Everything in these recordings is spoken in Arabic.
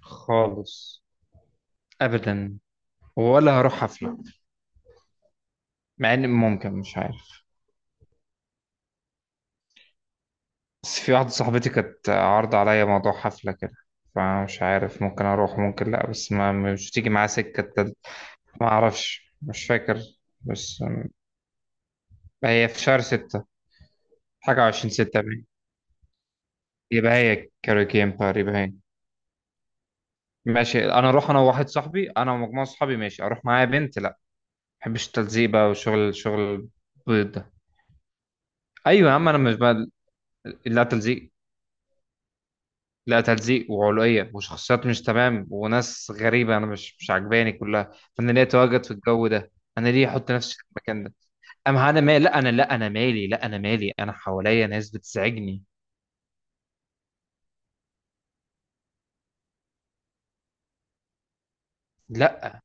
خالص. ابدا. ولا هروح حفله، مع ان ممكن مش عارف. بس في واحده صاحبتي كانت عارضه عليا موضوع حفله كده، فمش عارف ممكن اروح ممكن لا، بس ما مش تيجي معاها سكه التالت. ما اعرفش مش فاكر، بس هي في شهر ستة، حاجه وعشرين ستة باين. يبقى هي كاروكي امبار، يبقى هي. ماشي انا اروح، انا وواحد صاحبي، انا ومجموعه صحابي، ماشي. اروح معايا بنت؟ لا، ما بحبش التلزيق بقى وشغل شغل البيض ده. ايوه يا عم، انا مش بقى، لا تلزيق، لا تلزيق وعلوية وشخصيات مش تمام وناس غريبة أنا مش عجباني كلها، فأنا ليه أتواجد في الجو ده؟ أنا ليه أحط نفسي في المكان ده؟ أما أنا مالي؟ لا أنا، لا أنا مالي، لا أنا مالي، أنا حواليا ناس بتزعجني. لا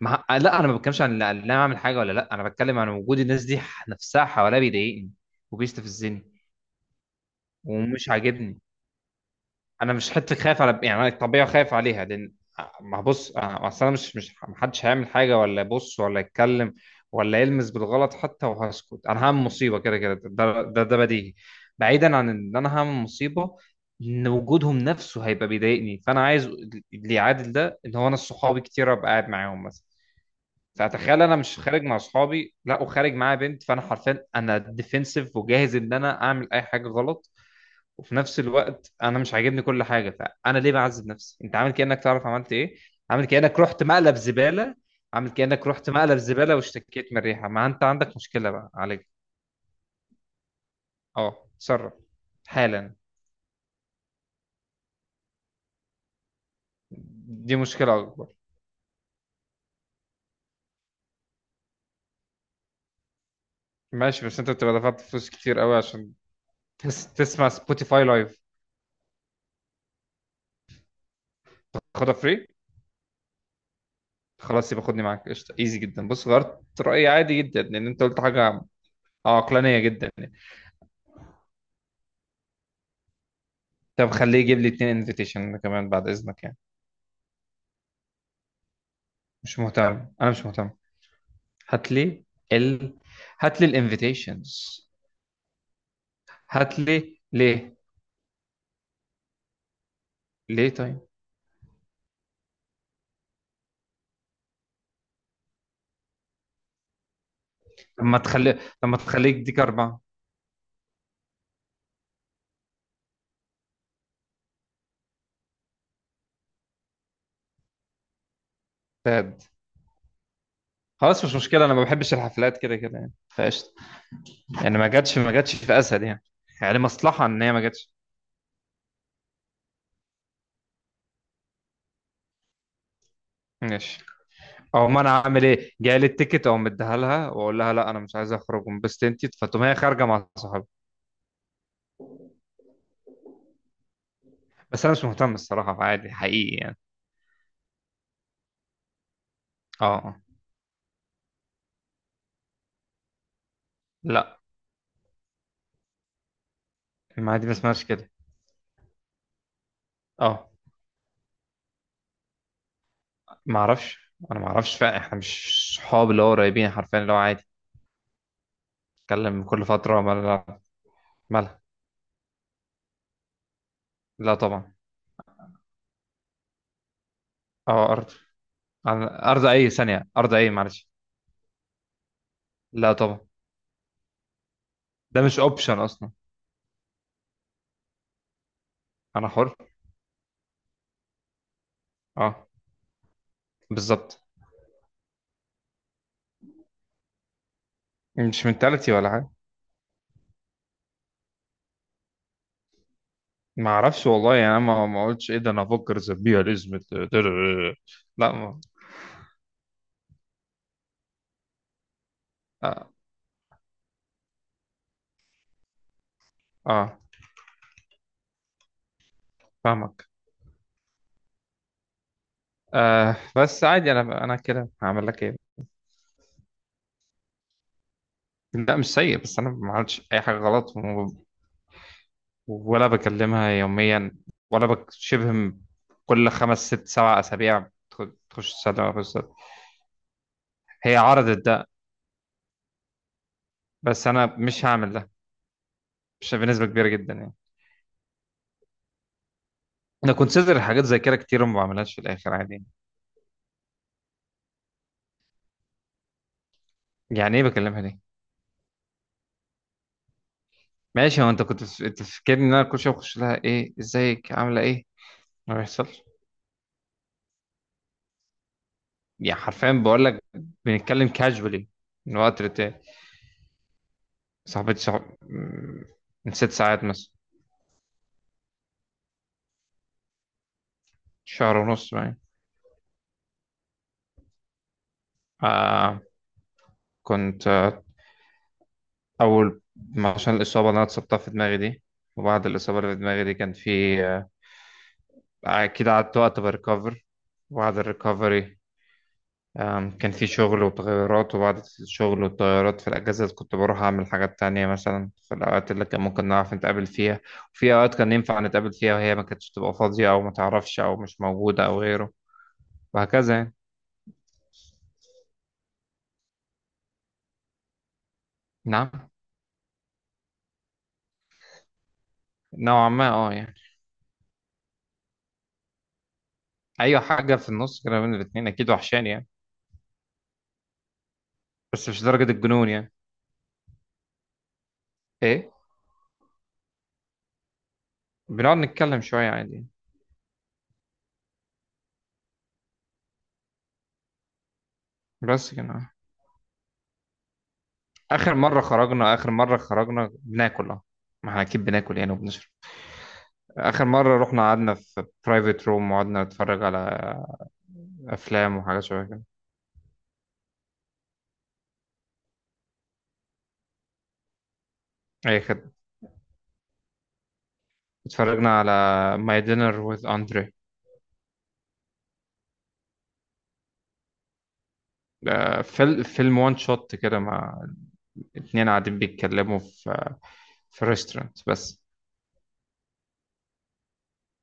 لا أنا ما بتكلمش عن، لا أنا أعمل حاجة ولا لا، أنا بتكلم عن وجود الناس دي نفسها حواليا بيضايقني وبيستفزني ومش عاجبني. انا مش حته خايف على، يعني انا الطبيعه خايف عليها، لان، ما بص اصل انا مش محدش هيعمل حاجه ولا يبص ولا يتكلم ولا يلمس بالغلط حتى وهسكت. انا هعمل مصيبه كده كده، ده بديهي. بعيدا عن ان انا هعمل مصيبه، ان وجودهم نفسه هيبقى بيضايقني. فانا عايز اللي يعادل ده، ان هو انا صحابي كتير ابقى قاعد معاهم مثلا. فتخيل انا مش خارج مع صحابي، لا، وخارج معايا بنت، فانا حرفيا انا ديفنسيف وجاهز ان انا اعمل اي حاجه غلط. وفي نفس الوقت انا مش عاجبني كل حاجه، فانا ليه بعذب نفسي؟ انت عامل كانك تعرف عملت ايه. عامل كانك رحت مقلب زباله. عامل كانك رحت مقلب زباله واشتكيت من الريحه، ما انت عندك مشكله بقى، عليك. اه، اتصرف حالا. دي مشكله اكبر. ماشي، بس انت بتبقى دفعت فلوس كتير قوي عشان تسمع سبوتيفاي لايف. خدها فري. خلاص يبقى خدني معاك، قشطه، ايزي جدا. بص، غيرت رايي عادي جدا لان انت قلت حاجه عقلانيه جدا. طب خليه يجيب لي اتنين انفيتيشن كمان بعد اذنك يعني. مش مهتم، انا مش مهتم. هات لي ال هات لي الانفيتيشنز. هات لي ليه؟ ليه طيب؟ لما تخلي، لما تخليك ديك أربعة. فاد، خلاص مش مشكلة، أنا ما بحبش الحفلات كده كده يعني، فقشطة. يعني ما جاتش، ما جاتش في أسد يعني. يعني مصلحة إن هي ما جاتش. ماشي. أو ما أنا عامل إيه، جاي لي التيكت أو مديها لها وأقول لها لا أنا مش عايز أخرج وانبسط أنت، فتقوم هي خارجة مع صحابها. بس أنا مش مهتم الصراحة، عادي حقيقي يعني. أه. آه. لا. ما دي ما اسمهاش كده. أه. ما اعرفش، انا ما اعرفش فعلا، احنا مش صحاب اللي هو قريبين حرفيا، اللي هو عادي نتكلم كل فتره. مالها؟ مالها؟ لا طبعا. اه ارض، انا ارض اي ثانيه، ارض اي، معلش. لا طبعا. ده مش اوبشن اصلا. انا حر. اه، بالظبط. مش منتاليتي ولا حاجه. ما اعرفش والله يعني، انا ما قلتش ايه ده، انا افكر زبيها الاسم. لا ما. اه. آه. فاهمك. آه، بس عادي، انا كده هعمل لك ايه؟ لا مش سيء، بس انا ما عملتش اي حاجه غلط. ولا بكلمها يوميا، ولا بك شبه م- كل خمس ست سبع أسابيع تخش تسلم على الأستاذ. هي عرضت ده، بس أنا مش هعمل ده، مش بنسبة كبيرة جدا يعني. أنا كونسيدر حاجات زي كده كتير وما بعملهاش في الآخر عادي. يعني إيه بكلمها ليه؟ ماشي، هو أنت كنت أنت فاكرني إن أنا كل شوية بخش لها إيه إزيك عاملة إيه؟ ما بيحصلش. يعني حرفيا بقول لك، بنتكلم كاجولي من وقت للتاني. صاحبتي من ست ساعات مثلا. شهر ونص يعني. آه، كنت أول ما- عشان الإصابة اللي أنا اتصبتها في دماغي دي، وبعد الإصابة اللي في دماغي دي كان في آه، أكيد قعدت وقت بريكفر، وبعد الريكفري كان في شغل وتغيرات، وبعد الشغل والتغيرات في الأجازة كنت بروح أعمل حاجات تانية مثلا في الأوقات اللي كان ممكن نعرف نتقابل فيها، وفي أوقات كان ينفع نتقابل فيها وهي ما كانتش تبقى فاضية أو ما تعرفش أو مش موجودة أو غيره، وهكذا يعني. نعم. نوعا ما أه يعني. أي حاجة في النص كده بين الاتنين أكيد وحشاني يعني، بس مش درجة الجنون يعني. إيه؟ بنقعد نتكلم شوية عادي، بس كده. آخر مرة خرجنا، آخر مرة خرجنا بناكل، اه ما احنا أكيد بناكل يعني وبنشرب. آخر مرة رحنا قعدنا في برايفت روم وقعدنا نتفرج على أفلام وحاجات شوية كده. أي خدمة. اتفرجنا على ماي دينر وذ أندري. فيلم وان شوت كده مع اتنين قاعدين بيتكلموا في ريستورانت بس.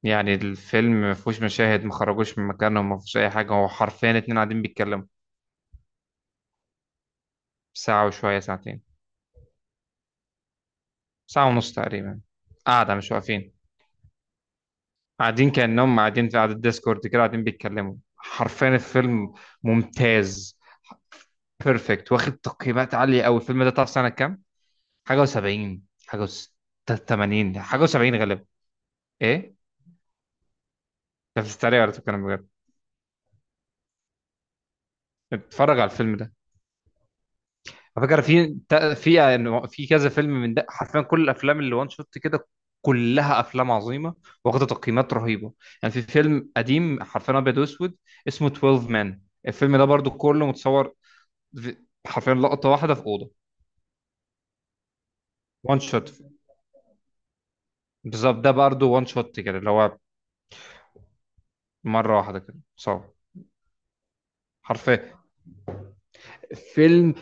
يعني الفيلم ما فيهوش مشاهد، ما خرجوش من مكانهم، ما فيهوش أي حاجة، هو حرفيا اتنين قاعدين بيتكلموا. ساعة وشوية، ساعتين، ساعة ونص تقريبا. قاعدة مش واقفين. قاعدين كأنهم قاعدين في قعدة ديسكورد كده، قاعدين بيتكلموا حرفيا. الفيلم ممتاز، بيرفكت، واخد تقييمات عالية أوي. الفيلم ده تعرف سنة كام؟ حاجة وسبعين. حاجة وس... تمانين، حاجة وسبعين غالبا. إيه؟ أنت بتتريق ولا بتتكلم بجد؟ اتفرج على الفيلم ده. على فكره في في كذا فيلم من ده حرفيا، كل الافلام اللي وان شوت كده كلها افلام عظيمه، واخده تقييمات رهيبه. يعني في فيلم قديم حرفيا ابيض واسود اسمه 12 مان، الفيلم ده برضو كله متصور في- حرفيا لقطه واحده في اوضه. وان شوت، بالظبط. ده برضو وان شوت كده، اللي هو مره واحده كده صور. حرفيا فيلم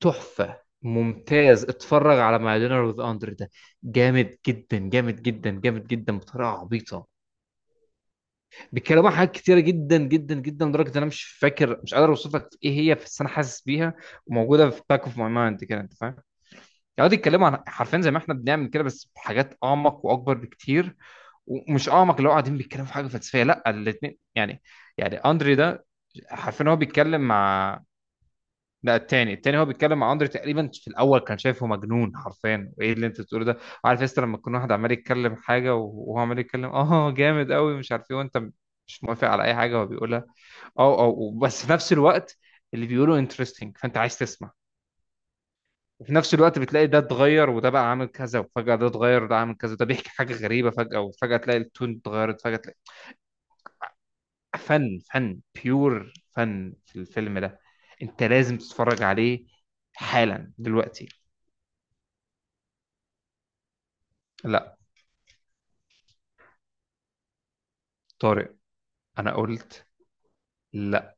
تحفه ممتاز. اتفرج على ماي دينر وذ اندر ده، جامد جدا، جامد جدا، جامد جدا، بطريقه عبيطه. بيتكلموا عن حاجات كتيره جدا جدا جدا، لدرجه ان انا مش فاكر، مش قادر اوصف لك ايه هي، بس انا حاسس بيها وموجوده في باك اوف ماي مايند كده، انت فاهم؟ يقعدوا يتكلموا عن حرفيا زي ما احنا بنعمل كده، بس بحاجات اعمق واكبر بكتير. ومش اعمق اللي هو قاعدين بيتكلموا في حاجه فلسفيه، لا، الاثنين يعني. يعني اندري ده حرفيا هو بيتكلم مع، لا، التاني، التاني هو بيتكلم مع اندري، تقريبا في الاول كان شايفه مجنون حرفيا، وايه اللي انت بتقوله ده. عارف يا لما تكون واحد عمال يتكلم حاجه وهو عمال يتكلم اه جامد قوي مش عارف ايه، وانت مش موافق على اي حاجه هو بيقولها. اه اه، بس في نفس الوقت اللي بيقولوا انترستنج، فانت عايز تسمع. وفي نفس الوقت بتلاقي ده اتغير وده بقى عامل كذا، وفجأة ده اتغير وده عامل كذا، وده بيحكي حاجة غريبة فجأة، وفجأة تلاقي التون اتغيرت، فجأة تلاقي فن فن بيور فن في الفيلم ده. انت لازم تتفرج عليه حالا دلوقتي. لا طارق، انا قلت. لا،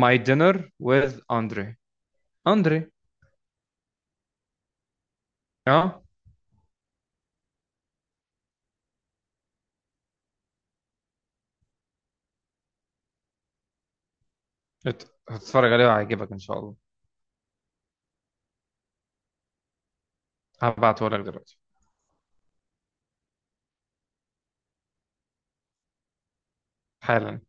ماي دينر وذ اندري، اندري. اه. ات- هتتفرج عليه وهيعجبك ان شاء الله. هبعته لك دلوقتي حالا.